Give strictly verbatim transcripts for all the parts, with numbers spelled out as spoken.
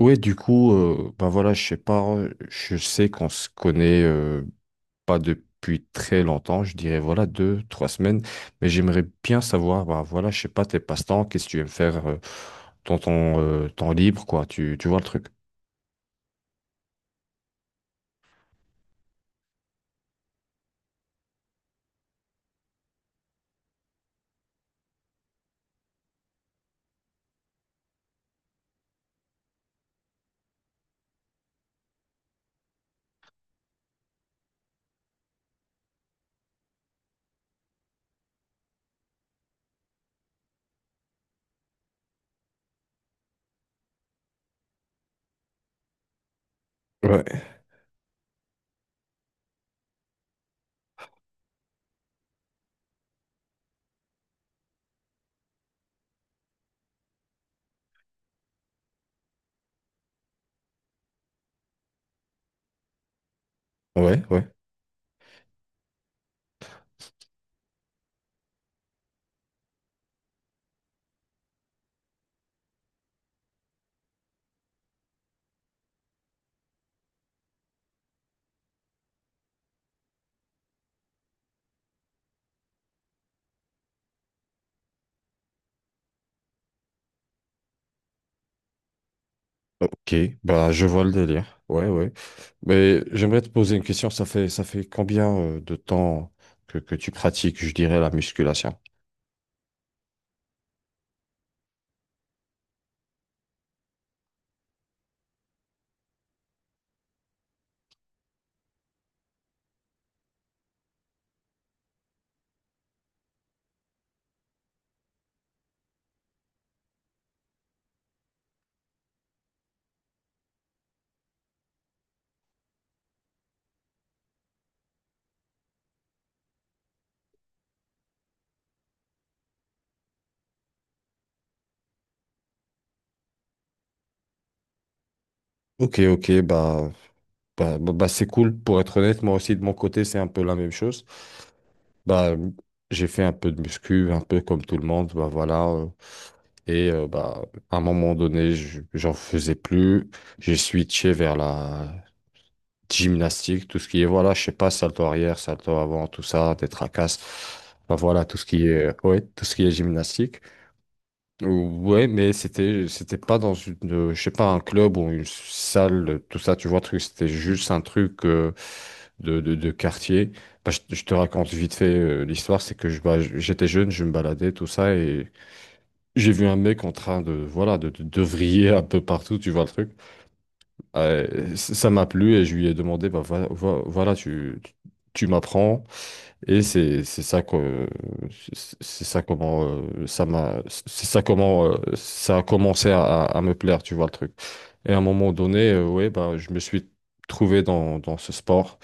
Ouais, du coup, euh, bah voilà, je sais pas, euh, je sais qu'on se connaît euh, pas depuis très longtemps, je dirais voilà deux, trois semaines, mais j'aimerais bien savoir, bah voilà, je sais pas tes passe-temps, qu'est-ce que tu aimes faire euh, dans ton euh, temps libre, quoi, tu, tu vois le truc. Ouais. Ouais, ouais. Ok, bah je vois le délire. Ouais, ouais. Mais j'aimerais te poser une question, ça fait ça fait combien euh, de temps que, que tu pratiques, je dirais, la musculation? Ok, ok, bah Bah, bah, bah, c'est cool, pour être honnête, moi aussi de mon côté, c'est un peu la même chose. Bah, j'ai fait un peu de muscu, un peu comme tout le monde, bah voilà. euh, Et euh, bah, à un moment donné, je- j'en faisais plus. J'ai switché vers la gymnastique, tout ce qui est, voilà, je sais pas, salto arrière, salto avant, tout ça, des tracasses. Bah voilà, tout ce qui est, ouais, tout ce qui est gymnastique. Ouais, mais c'était c'était pas dans une euh, je sais pas un club ou une salle tout ça tu vois truc c'était juste un truc euh, de, de, de quartier. Bah, je, je te raconte vite fait euh, l'histoire c'est que je bah, j'étais jeune je me baladais tout ça et j'ai vu un mec en train de voilà de, de, de vriller un peu partout tu vois le truc. Euh, c- ça m'a plu et je lui ai demandé bah voilà, voilà tu tu tu m'apprends et c'est c'est ça que c'est c'est ça comment euh, ça m'a c'est ça comment euh, ça a commencé à, à- à me plaire, tu vois le truc. Et à un moment donné, euh, ouais, bah je me suis trouvé dans, dans ce sport.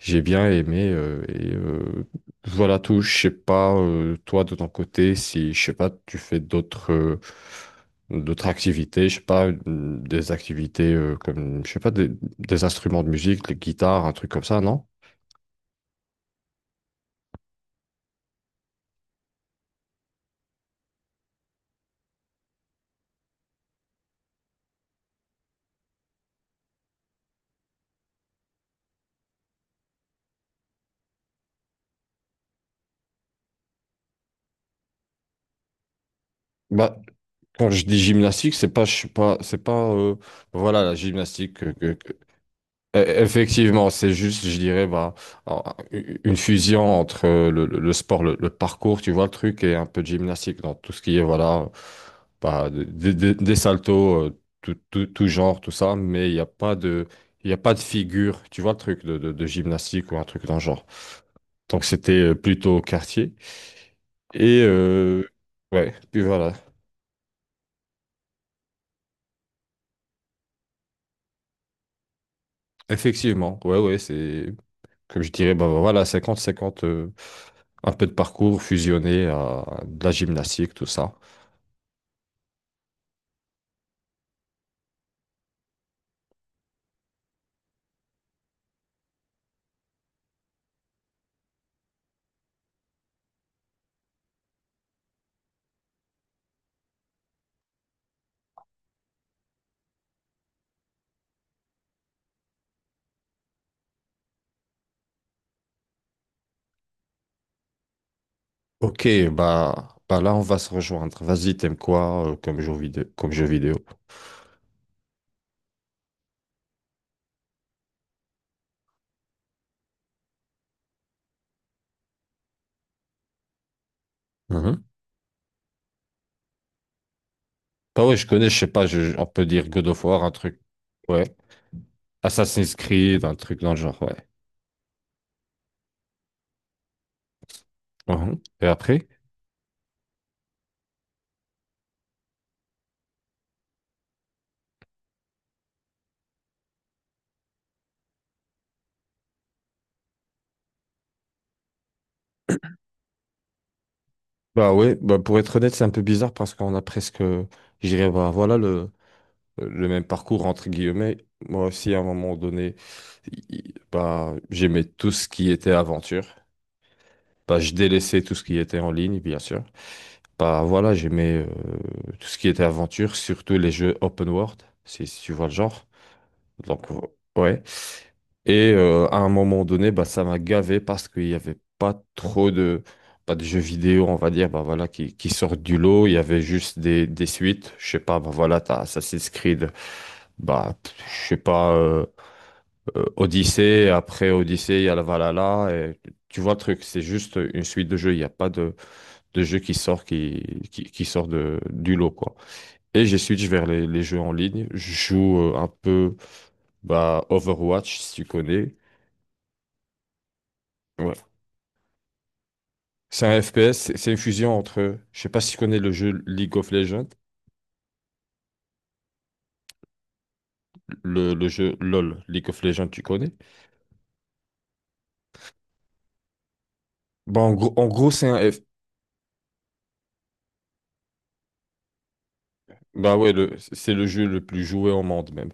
J'ai bien aimé euh, et euh, voilà tout. Je sais pas euh, toi de ton côté si je sais pas tu fais d'autres euh, d'autres activités, je sais pas une- des activités euh, comme je sais pas des, des instruments de musique, les guitares, un truc comme ça, non? bah Quand je dis gymnastique, c'est pas, je suis pas, c'est pas, euh, voilà, la gymnastique. que- que- que- E- Effectivement, c'est juste, je dirais, bah, en- une fusion entre euh, le, le- le sport, le, le parcours, tu vois le truc, et un peu de gymnastique dans tout ce qui est, voilà, bah, de- de- de- des saltos, euh, tout, tout, tout genre, tout ça, mais il n'y a pas de, il y a pas de figure, tu vois le truc de, de, de gymnastique ou un truc dans le genre. Donc c'était euh, plutôt au quartier. Et euh, ouais, puis voilà. Effectivement, ouais, ouais, c'est. Comme je dirais, bah voilà, cinquante cinquante euh, un peu de parcours fusionné à de la gymnastique, tout ça. Ok, bah, bah là, on va se rejoindre. Vas-y, t'aimes quoi euh, comme jeu vidéo, comme jeu vidéo? Mhm. Bah ouais, je connais, je sais pas, je- on peut dire God of War, un truc. Ouais. Assassin's Creed, un truc dans le genre, ouais. Mhm. Et après? Bah ouais, bah pour être honnête, c'est un peu bizarre parce qu'on a presque, je dirais, bah voilà le, le même parcours entre guillemets. Moi aussi, à un moment donné, i- bah, j'aimais tout ce qui était aventure. Bah, je délaissais tout ce qui était en ligne, bien sûr. Bah voilà, j'aimais euh, tout ce qui était aventure, surtout les jeux open world, si, si tu vois le genre. Donc, ouais. Et euh, à un moment donné, bah, ça m'a gavé parce qu'il n'y avait pas trop de, pas de jeux vidéo, on va dire, bah, voilà, qui, qui sortent du lot. Il y avait juste des, des suites. Je sais pas, bah, voilà, t'as Assassin's Creed, bah, pff, je sais pas, euh, euh, Odyssey. Après Odyssey, il y a la Valhalla. Et tu vois le truc, c'est juste une suite de jeux. Il n'y a pas de, de jeux qui sort, qui, qui, qui sort de, du lot, quoi. Et j'ai switch vers les, les jeux en ligne. Je joue euh, un peu. Bah, Overwatch, si tu connais. Ouais. C'est un F P S, c'est c'est une fusion entre. Je sais pas si tu connais le jeu League of Legends, le, le jeu L O L, League of Legends, tu connais. Bah, en gros, en gros c'est un F. Bah ouais, le- c'est le jeu le plus joué au monde même.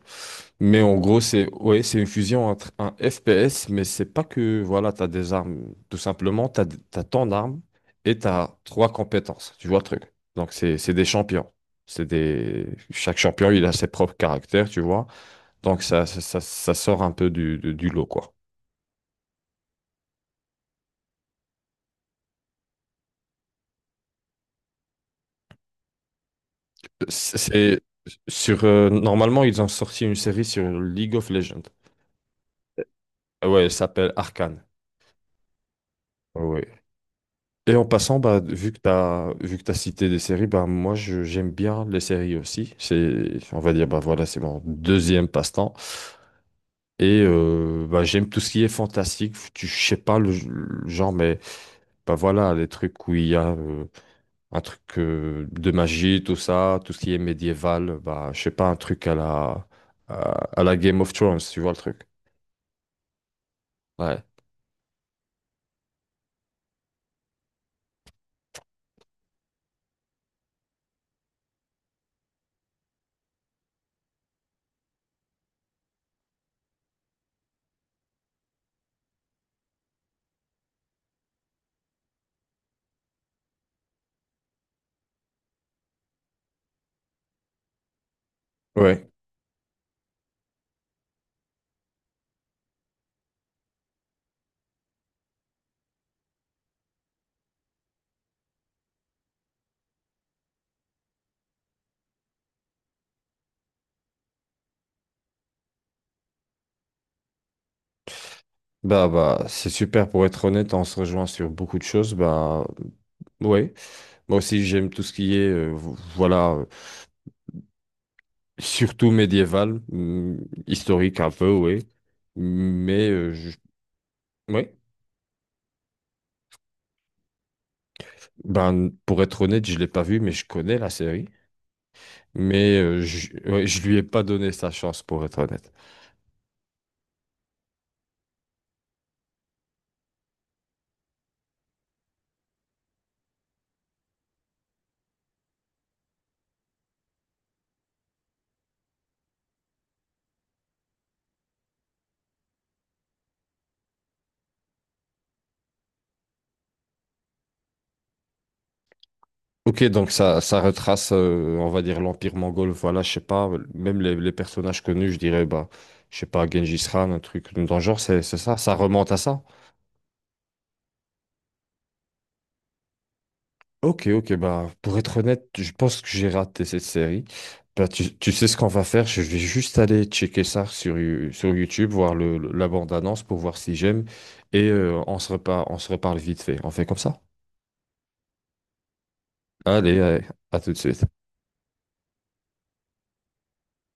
Mais en gros, c'est ouais, c'est une fusion entre un F P S, mais c'est pas que voilà, t'as des armes. Tout simplement, t'as, t'as tant d'armes et t'as trois compétences. Tu vois le truc. Donc c'est c'est des champions. C'est des. Chaque champion, il a ses propres caractères, tu vois. Donc ça, ça, ça- ça sort un peu du, du, du lot, quoi. C'est sur euh, normalement ils ont sorti une série sur League of Legends. Ah ouais, elle s'appelle Arcane. Ah ouais. Et en passant, bah, vu que t'as vu que t'as cité des séries, bah moi je- j'aime bien les séries aussi. C'est, on va dire, bah voilà, c'est mon deuxième passe-temps. Et euh, bah, j'aime tout ce qui est fantastique. Tu- Je sais pas le, le genre, mais bah voilà, les trucs où il y a euh, un truc euh, de magie, tout ça, tout ce qui est médiéval, bah, je sais pas, un truc à la, à, à la Game of Thrones, tu vois le truc. Ouais. Ouais. Bah, bah, c'est super pour être honnête, on se rejoint sur beaucoup de choses. Bah, ouais. Moi aussi, j'aime tout ce qui est, euh, vo- voilà, euh, surtout médiéval, hum, historique un peu, ouais. Mais, euh, je- ouais. Ben, pour être honnête, je l'ai pas vu, mais je connais la série. Mais euh, je, ouais, je lui ai pas donné sa chance, pour être honnête. Ok, donc ça, ça retrace, euh, on va dire, l'Empire mongol. Voilà, je sais pas, même les, les personnages connus, je dirais, bah, je sais pas, Gengis Khan, un truc dans le genre, c'est c'est ça, ça remonte à ça. Ok, ok, bah, pour être honnête, je pense que j'ai raté cette série. Bah, tu, tu sais ce qu'on va faire, je vais juste aller checker ça sur, You- sur YouTube, voir le, le- la bande-annonce pour voir si j'aime, et euh, on se reparle, on se reparle vite fait. On fait comme ça? Allez, allez, à tout de suite.